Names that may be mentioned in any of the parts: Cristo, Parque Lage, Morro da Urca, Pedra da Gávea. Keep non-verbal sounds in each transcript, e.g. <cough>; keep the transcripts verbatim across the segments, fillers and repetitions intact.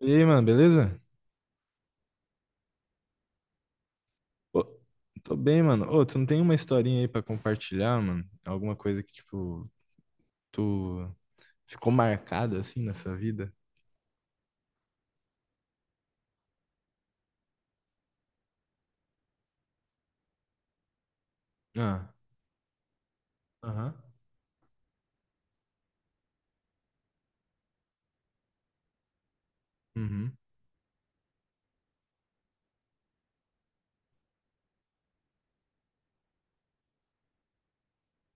E aí, mano, beleza? Ô, tô bem, mano. Ô, tu não tem uma historinha aí pra compartilhar, mano? Alguma coisa que, tipo, tu ficou marcada assim na sua vida? Ah, aham. Uhum,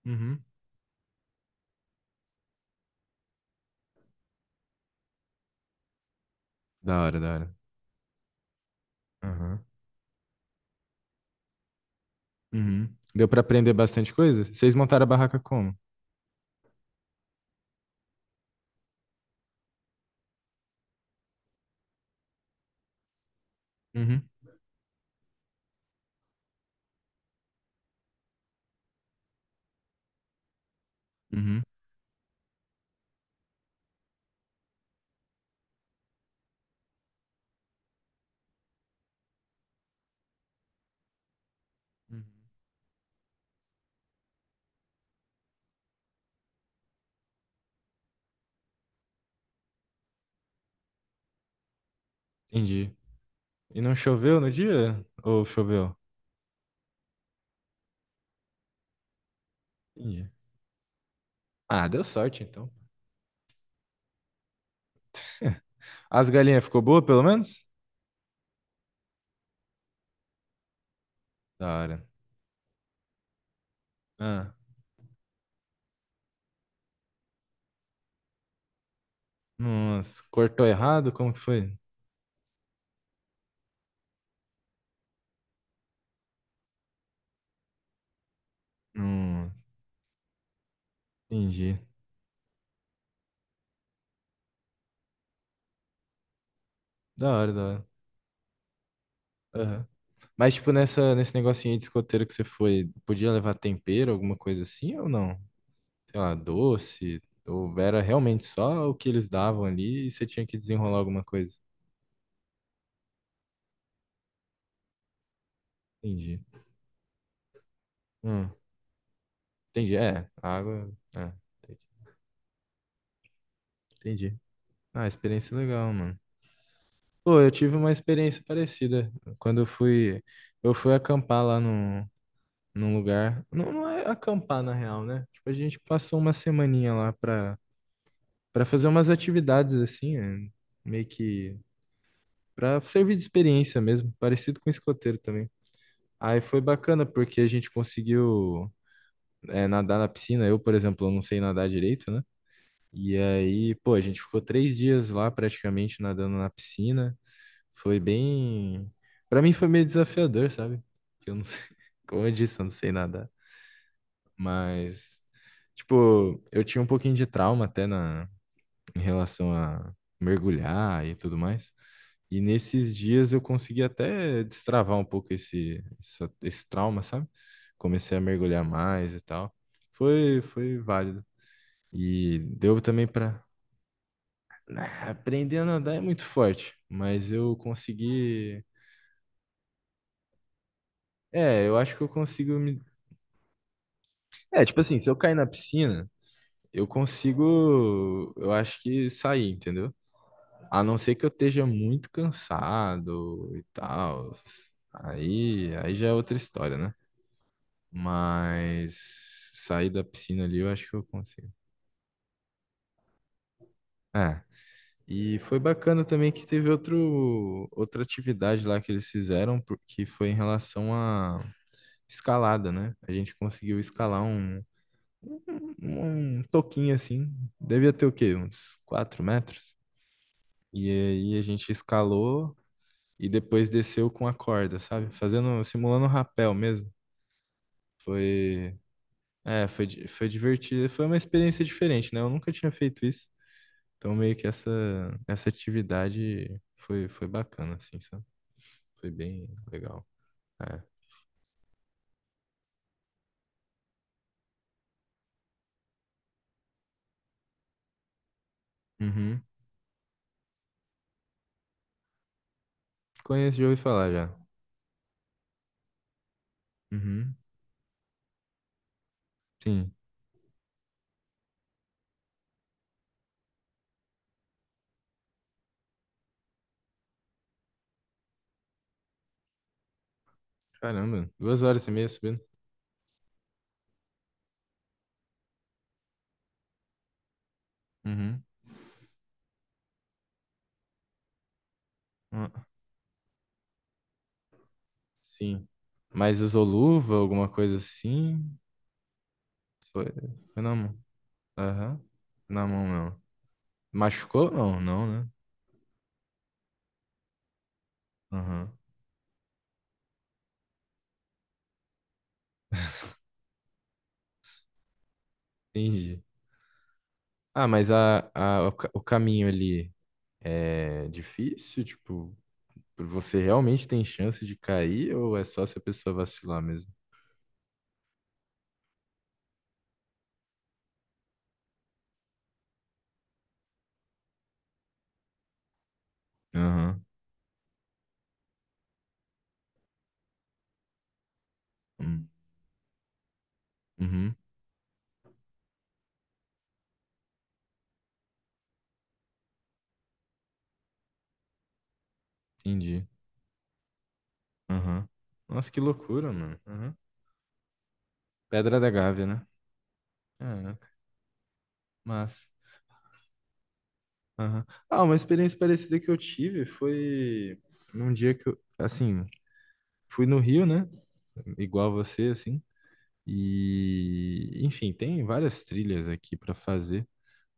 uhum. Da hora, da hora. Aham. Uhum. Deu pra aprender bastante coisa? Vocês montaram a barraca como? Uhum, uhum. Uhum. Entendi. E não choveu no dia? Ou choveu? Entendi. Ah, deu sorte então. <laughs> As galinhas ficou boa, pelo menos? Da hora. Ah, nossa, cortou errado? Como que foi? Hum, entendi. Da hora, da hora. Aham. Mas, tipo, nessa, nesse negocinho aí de escoteiro que você foi, podia levar tempero, alguma coisa assim ou não? Sei lá, doce? Ou era realmente só o que eles davam ali e você tinha que desenrolar alguma coisa? Entendi. Hum, entendi. É, água. É, entendi. Entendi. Ah, experiência legal, mano. Pô, eu tive uma experiência parecida. Quando eu fui, eu fui acampar lá num, num lugar. Não, não é acampar, na real, né? Tipo, a gente passou uma semaninha lá pra para fazer umas atividades assim, é, meio que para servir de experiência mesmo, parecido com escoteiro também. Aí foi bacana porque a gente conseguiu é, nadar na piscina. Eu, por exemplo, eu não sei nadar direito, né? E aí, pô, a gente ficou três dias lá praticamente nadando na piscina. Foi bem. Pra mim foi meio desafiador, sabe? Que eu não sei. <laughs> Como eu disse, eu não sei nadar. Mas, tipo, eu tinha um pouquinho de trauma até na... em relação a mergulhar e tudo mais. E nesses dias eu consegui até destravar um pouco esse, essa- esse trauma, sabe? Comecei a mergulhar mais e tal. Foi, foi válido. E deu também pra. Ah, aprender a nadar é muito forte, mas eu consegui. É, eu acho que eu consigo me. É, tipo assim, se eu cair na piscina, eu consigo. Eu acho que sair, entendeu? A não ser que eu esteja muito cansado e tal. Aí, aí já é outra história, né? Mas sair da piscina ali eu acho que eu consigo. É. E foi bacana também que teve outro, outra atividade lá que eles fizeram, por- que foi em relação à escalada, né? A gente conseguiu escalar um, um, um um toquinho assim. Devia ter o quê? Uns quatro metros. E aí a gente escalou e depois desceu com a corda, sabe? Fazendo, simulando um rapel mesmo. Foi, é, foi, di- foi divertido. Foi uma experiência diferente, né? Eu nunca tinha feito isso. Então, meio que essa, essa atividade foi, foi bacana, assim, sabe? Foi bem legal. É. Uhum. Conheço, já ouvi falar já. Uhum. Sim. Caramba, duas horas e meia subindo. Uhum. Ah, sim. Mas usou luva, alguma coisa assim? Foi, foi na mão. Aham. Na mão, não. Machucou? Não, não, né? Aham. Entendi. Ah, mas a, a, o ca- o caminho ali é difícil? Tipo, você realmente tem chance de cair ou é só se a pessoa vacilar mesmo? Aham. hum, Uhum. Entendi. Aham. Nossa, que loucura, mano. Aham. Pedra da Gávea, né? Caraca, massa. Aham. Ah, uma experiência parecida que eu tive foi num dia que eu, assim, fui no Rio, né? Igual você, assim. E, enfim, tem várias trilhas aqui pra fazer.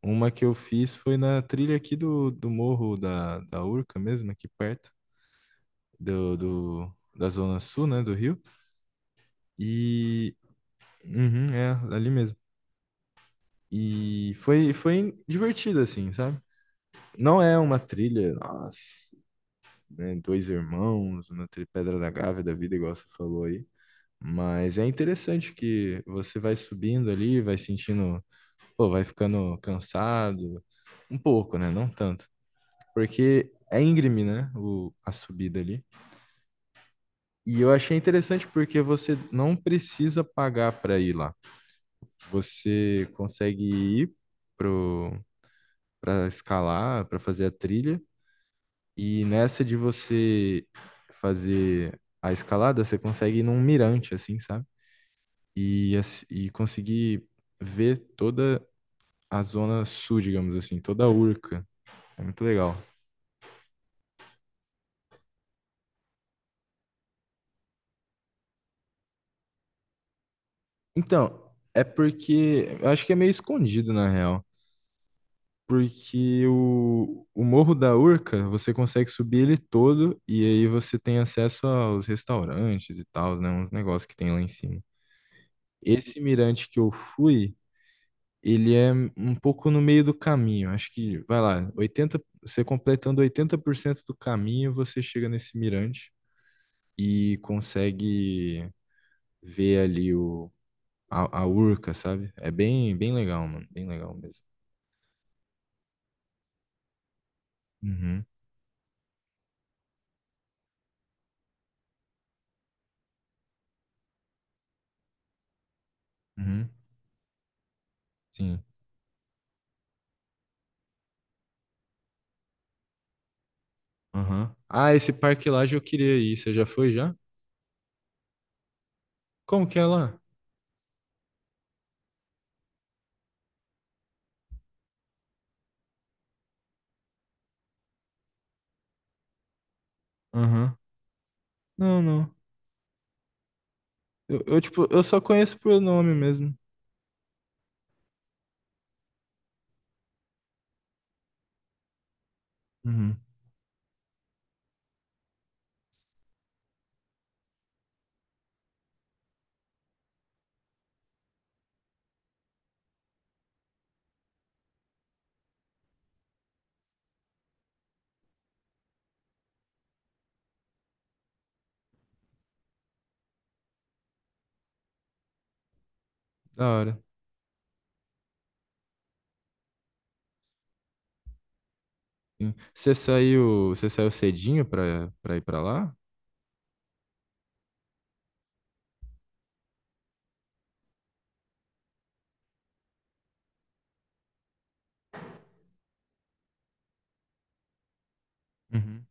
Uma que eu fiz foi na trilha aqui do, do morro da, da Urca mesmo, aqui perto. do, do- da zona sul, né, do Rio. E uhum, é ali mesmo. E foi foi divertido assim, sabe? Não é uma trilha, nossa, né, Dois Irmãos, uma trilha Pedra da Gávea da vida, igual você falou aí. Mas é interessante que você vai subindo ali, vai sentindo, pô, vai ficando cansado, um pouco, né? Não tanto. Porque é íngreme, né? O, a subida ali. E eu achei interessante porque você não precisa pagar para ir lá. Você consegue ir pro para escalar, para fazer a trilha, e nessa de você fazer a escalada, você consegue ir num mirante assim, sabe? E ass- e conseguir ver toda a zona sul, digamos assim, toda a Urca. É muito legal. Então, é porque eu acho que é meio escondido na real. Porque o, o Morro da Urca, você consegue subir ele todo e aí você tem acesso aos restaurantes e tal, né? Uns negócios que tem lá em cima. Esse mirante que eu fui, ele é um pouco no meio do caminho. Acho que, vai lá, oitenta você completando oitenta por cento do caminho, você chega nesse mirante e consegue ver ali o, a, a Urca, sabe? É bem, bem legal, mano. Bem legal mesmo. Uhum, uhum, sim. Aham. Ah, esse Parque Lage eu queria ir. Você já foi já? Como que é lá? Aham. Não, não. Eu, eu, tipo, eu só conheço por nome mesmo. Uhum. Da hora. Sim. Você saiu, você saiu cedinho pra, pra ir pra lá? Uhum.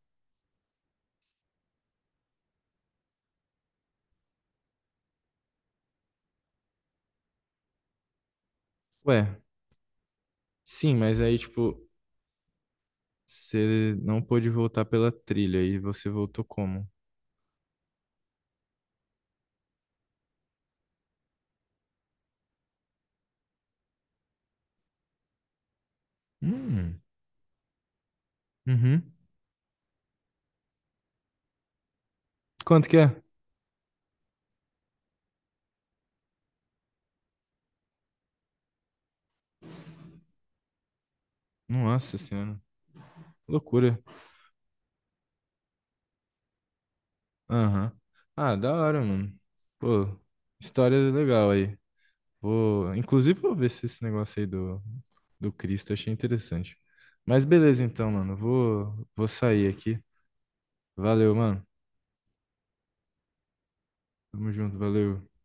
Ué, sim, mas aí, tipo, você não pôde voltar pela trilha e você voltou como? Hum. Uhum. Quanto que é? Nossa senhora. Loucura. Aham. Ah, da hora, mano. Pô, história legal aí. Vou, inclusive, vou ver se esse negócio aí do, do Cristo eu achei interessante. Mas beleza, então, mano. Vou, vou sair aqui. Valeu, mano. Tamo junto, valeu.